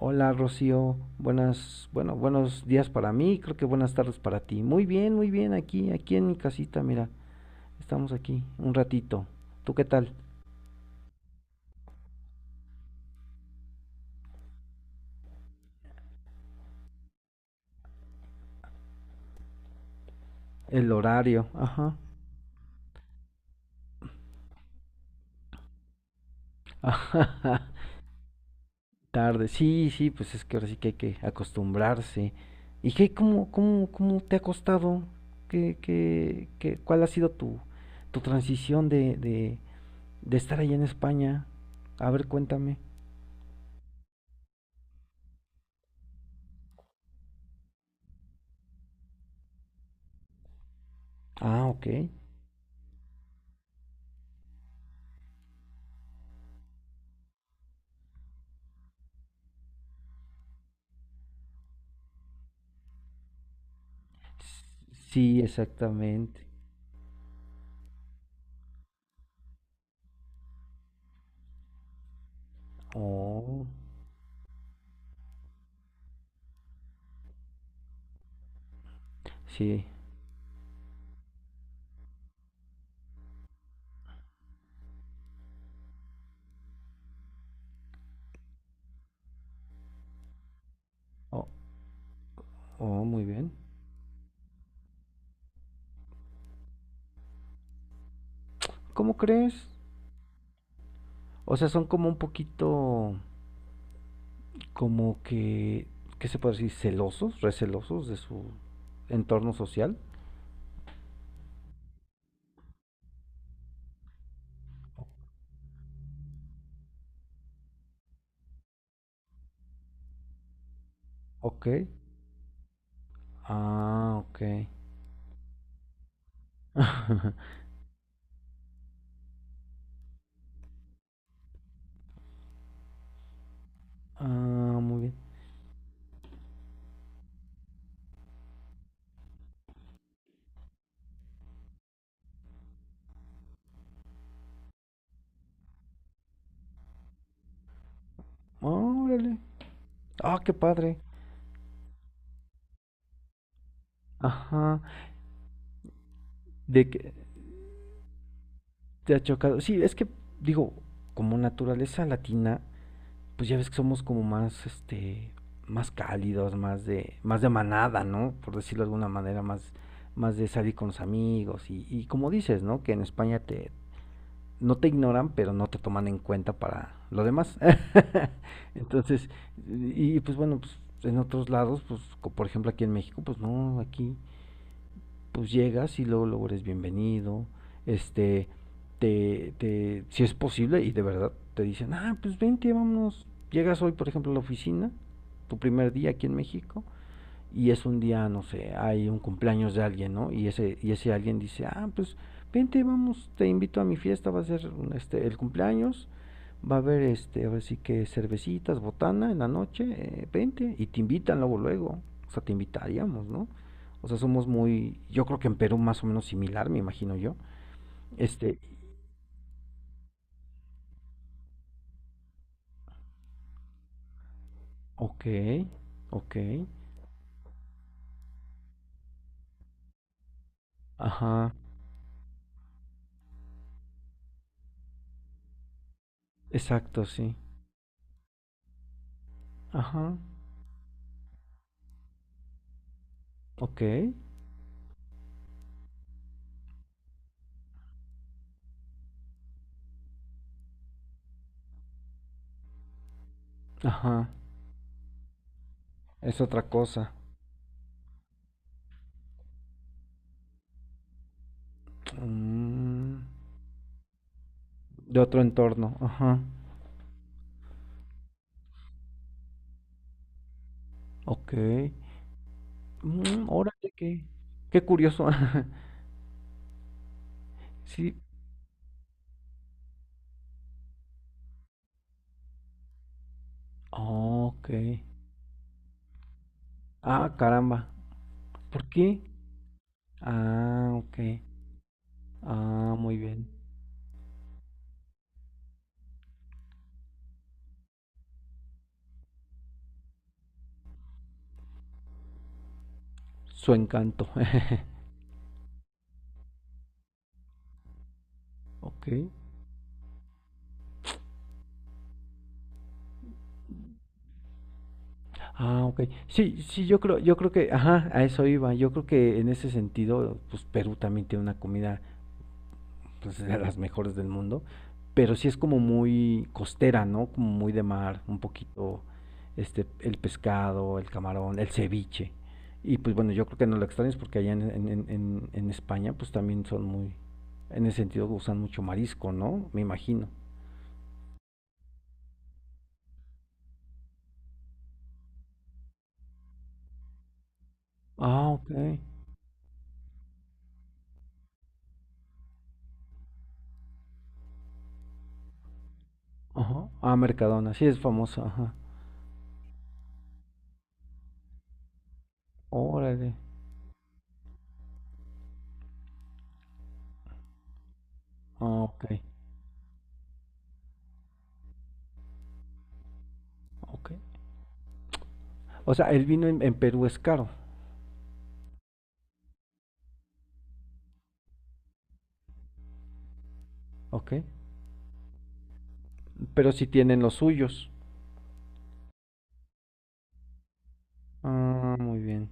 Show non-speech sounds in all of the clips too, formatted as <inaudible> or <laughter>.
Hola Rocío, buenas, bueno, buenos días para mí, creo que buenas tardes para ti. Muy bien, aquí en mi casita, mira, estamos aquí un ratito. ¿Tú qué tal? El horario, ajá, <laughs> ajá, tarde, sí, sí, pues es que ahora sí que hay que acostumbrarse. ¿Y qué, cómo te ha costado? Cuál ha sido tu, tu transición de estar allá en España? A ver, cuéntame. Ah, ok. S- Sí, exactamente. Oh, sí. Oh, oh, muy bien. ¿Cómo crees? O sea, son como un poquito, como que, ¿qué se puede decir? Celosos, recelosos de su entorno social. Ok. Ah, ok. <laughs> Ah, muy bien. Órale. Ah, qué padre. Ajá. De que te ha chocado. Sí, es que, digo, como naturaleza latina, pues ya ves que somos como más, este, más cálidos, más de manada, ¿no? Por decirlo de alguna manera, más, más de salir con los amigos y como dices, ¿no? Que en España te, no te ignoran, pero no te toman en cuenta para lo demás. <laughs> Entonces, y pues bueno, pues en otros lados, pues por ejemplo aquí en México, pues no, aquí pues llegas y luego, luego eres bienvenido, este, te, si es posible, y de verdad te dicen, ah, pues vente, vámonos, llegas hoy, por ejemplo, a la oficina, tu primer día aquí en México, y es un día, no sé, hay un cumpleaños de alguien, ¿no? Y ese alguien dice, ah, pues vente, vamos, te invito a mi fiesta, va a ser este, el cumpleaños, va a haber, este, ahora sí que cervecitas, botana en la noche, vente, y te invitan luego, luego, o sea, te invitaríamos, ¿no? O sea, somos muy, yo creo que en Perú más o menos similar, me imagino yo. Este, ok, ok, ajá, exacto, sí, ajá, ok, ajá, es otra cosa. Mm. De otro entorno, ajá. Ok. Mm, órale, qué, qué curioso. <laughs> Sí. Ok. Ah, caramba. ¿Por qué? Ah, ok. Ah, muy bien. Su encanto. <laughs> Ok. Ah, ok. Sí, sí, yo creo que, ajá, a eso iba. Yo creo que en ese sentido, pues Perú también tiene una comida pues, de las mejores del mundo, pero sí es como muy costera, ¿no? Como muy de mar, un poquito este el pescado, el camarón, el ceviche. Y pues bueno, yo creo que no lo extrañas porque allá en España pues también son muy, en ese sentido usan mucho marisco, ¿no? Me imagino. Ah, ok. Ajá. Ah, Mercadona, sí es famosa, ajá. Órale. Ah, ok. Ok. O sea, el vino en Perú es caro, ok. Pero sí tienen los suyos. Ah, muy bien.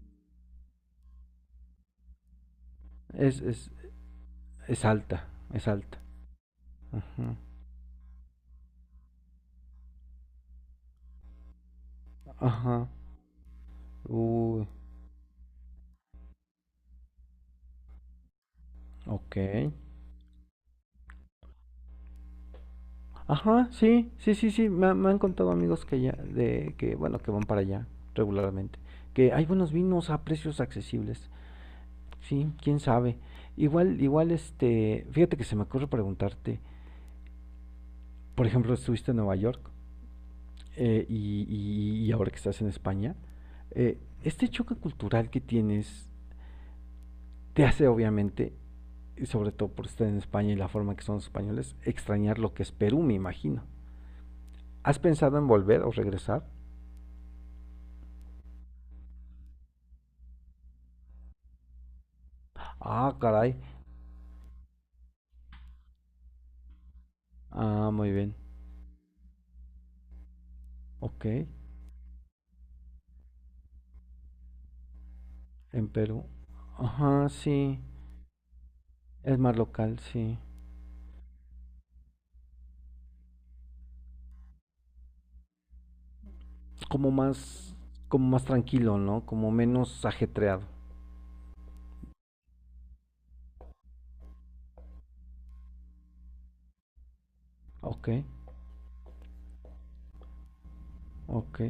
Es, es, es alta, es alta. Ajá. Ajá. Uy, ok. Ajá, sí, sí, sí, sí. Me han contado amigos que ya, de que, bueno, que van para allá regularmente. Que hay buenos vinos a precios accesibles. Sí, quién sabe. Igual, igual, este, fíjate que se me ocurre preguntarte. Por ejemplo, estuviste en Nueva York y, y ahora que estás en España. Eh, este choque cultural que tienes te hace obviamente, y sobre todo por estar en España y la forma que son los españoles, extrañar lo que es Perú, me imagino. ¿Has pensado en volver o regresar? Ah, caray. Ah, muy bien. Ok, en Perú. Ajá, sí. Es más local, sí. Como más, como más tranquilo, ¿no? Como menos ajetreado. Ok, ok.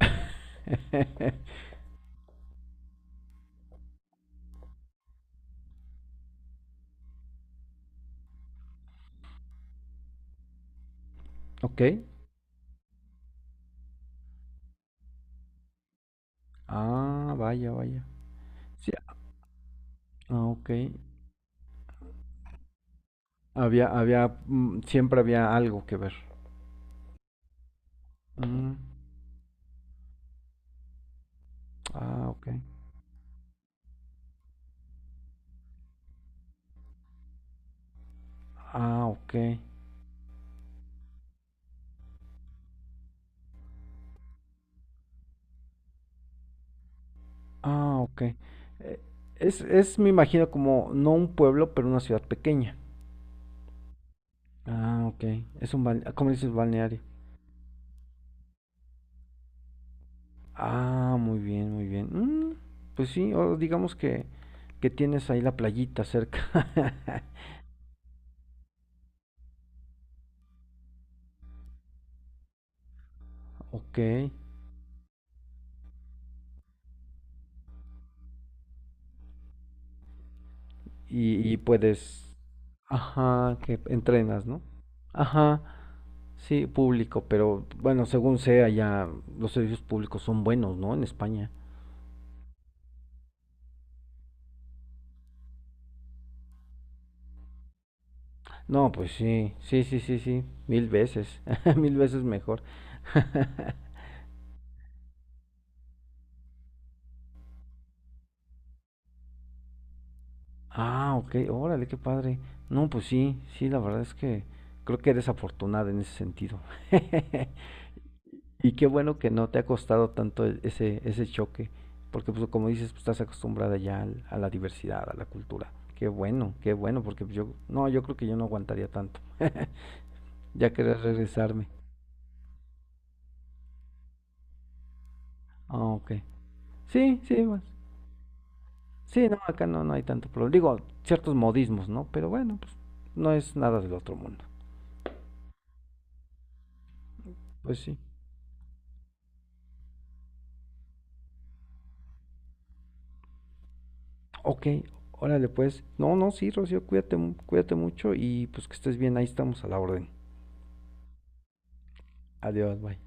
<laughs> Ok. Ah, vaya, vaya. Sí, ah, ok. Había, había, mm, siempre había algo que ver. Mm, ah, ok. Ah, ok. Ah, ok. Eh, es, me imagino, como no un pueblo, pero una ciudad pequeña. Ah, ok. Es un balneario. ¿Cómo dices balneario? Ah, muy bien, muy bien. Mm, pues sí, o digamos que tienes ahí la playita cerca. <laughs> Ok. Y puedes. Ajá, que entrenas, ¿no? Ajá, sí, público, pero bueno, según sea, ya los servicios públicos son buenos, ¿no? En España. No, pues sí, sí, sí, sí, sí, mil veces, <laughs> mil veces mejor. <laughs> Ah, ok, órale, qué padre. No, pues sí, sí, la verdad es que creo que eres afortunada en ese sentido. <laughs> Y qué bueno que no te ha costado tanto ese, ese choque, porque pues como dices, pues, estás acostumbrada ya a la diversidad, a la cultura. Qué bueno, porque pues, yo, no, yo creo que yo no aguantaría tanto. Ya querés regresarme. Ah, ok. Sí, sí, pues. Sí, no, acá no, no hay tanto problema. Digo, ciertos modismos, ¿no? Pero bueno, pues no es nada del otro mundo. Pues sí. Ok, órale pues. No, no, sí, Rocío, cuídate, cuídate mucho y pues que estés bien, ahí estamos a la orden. Adiós, bye.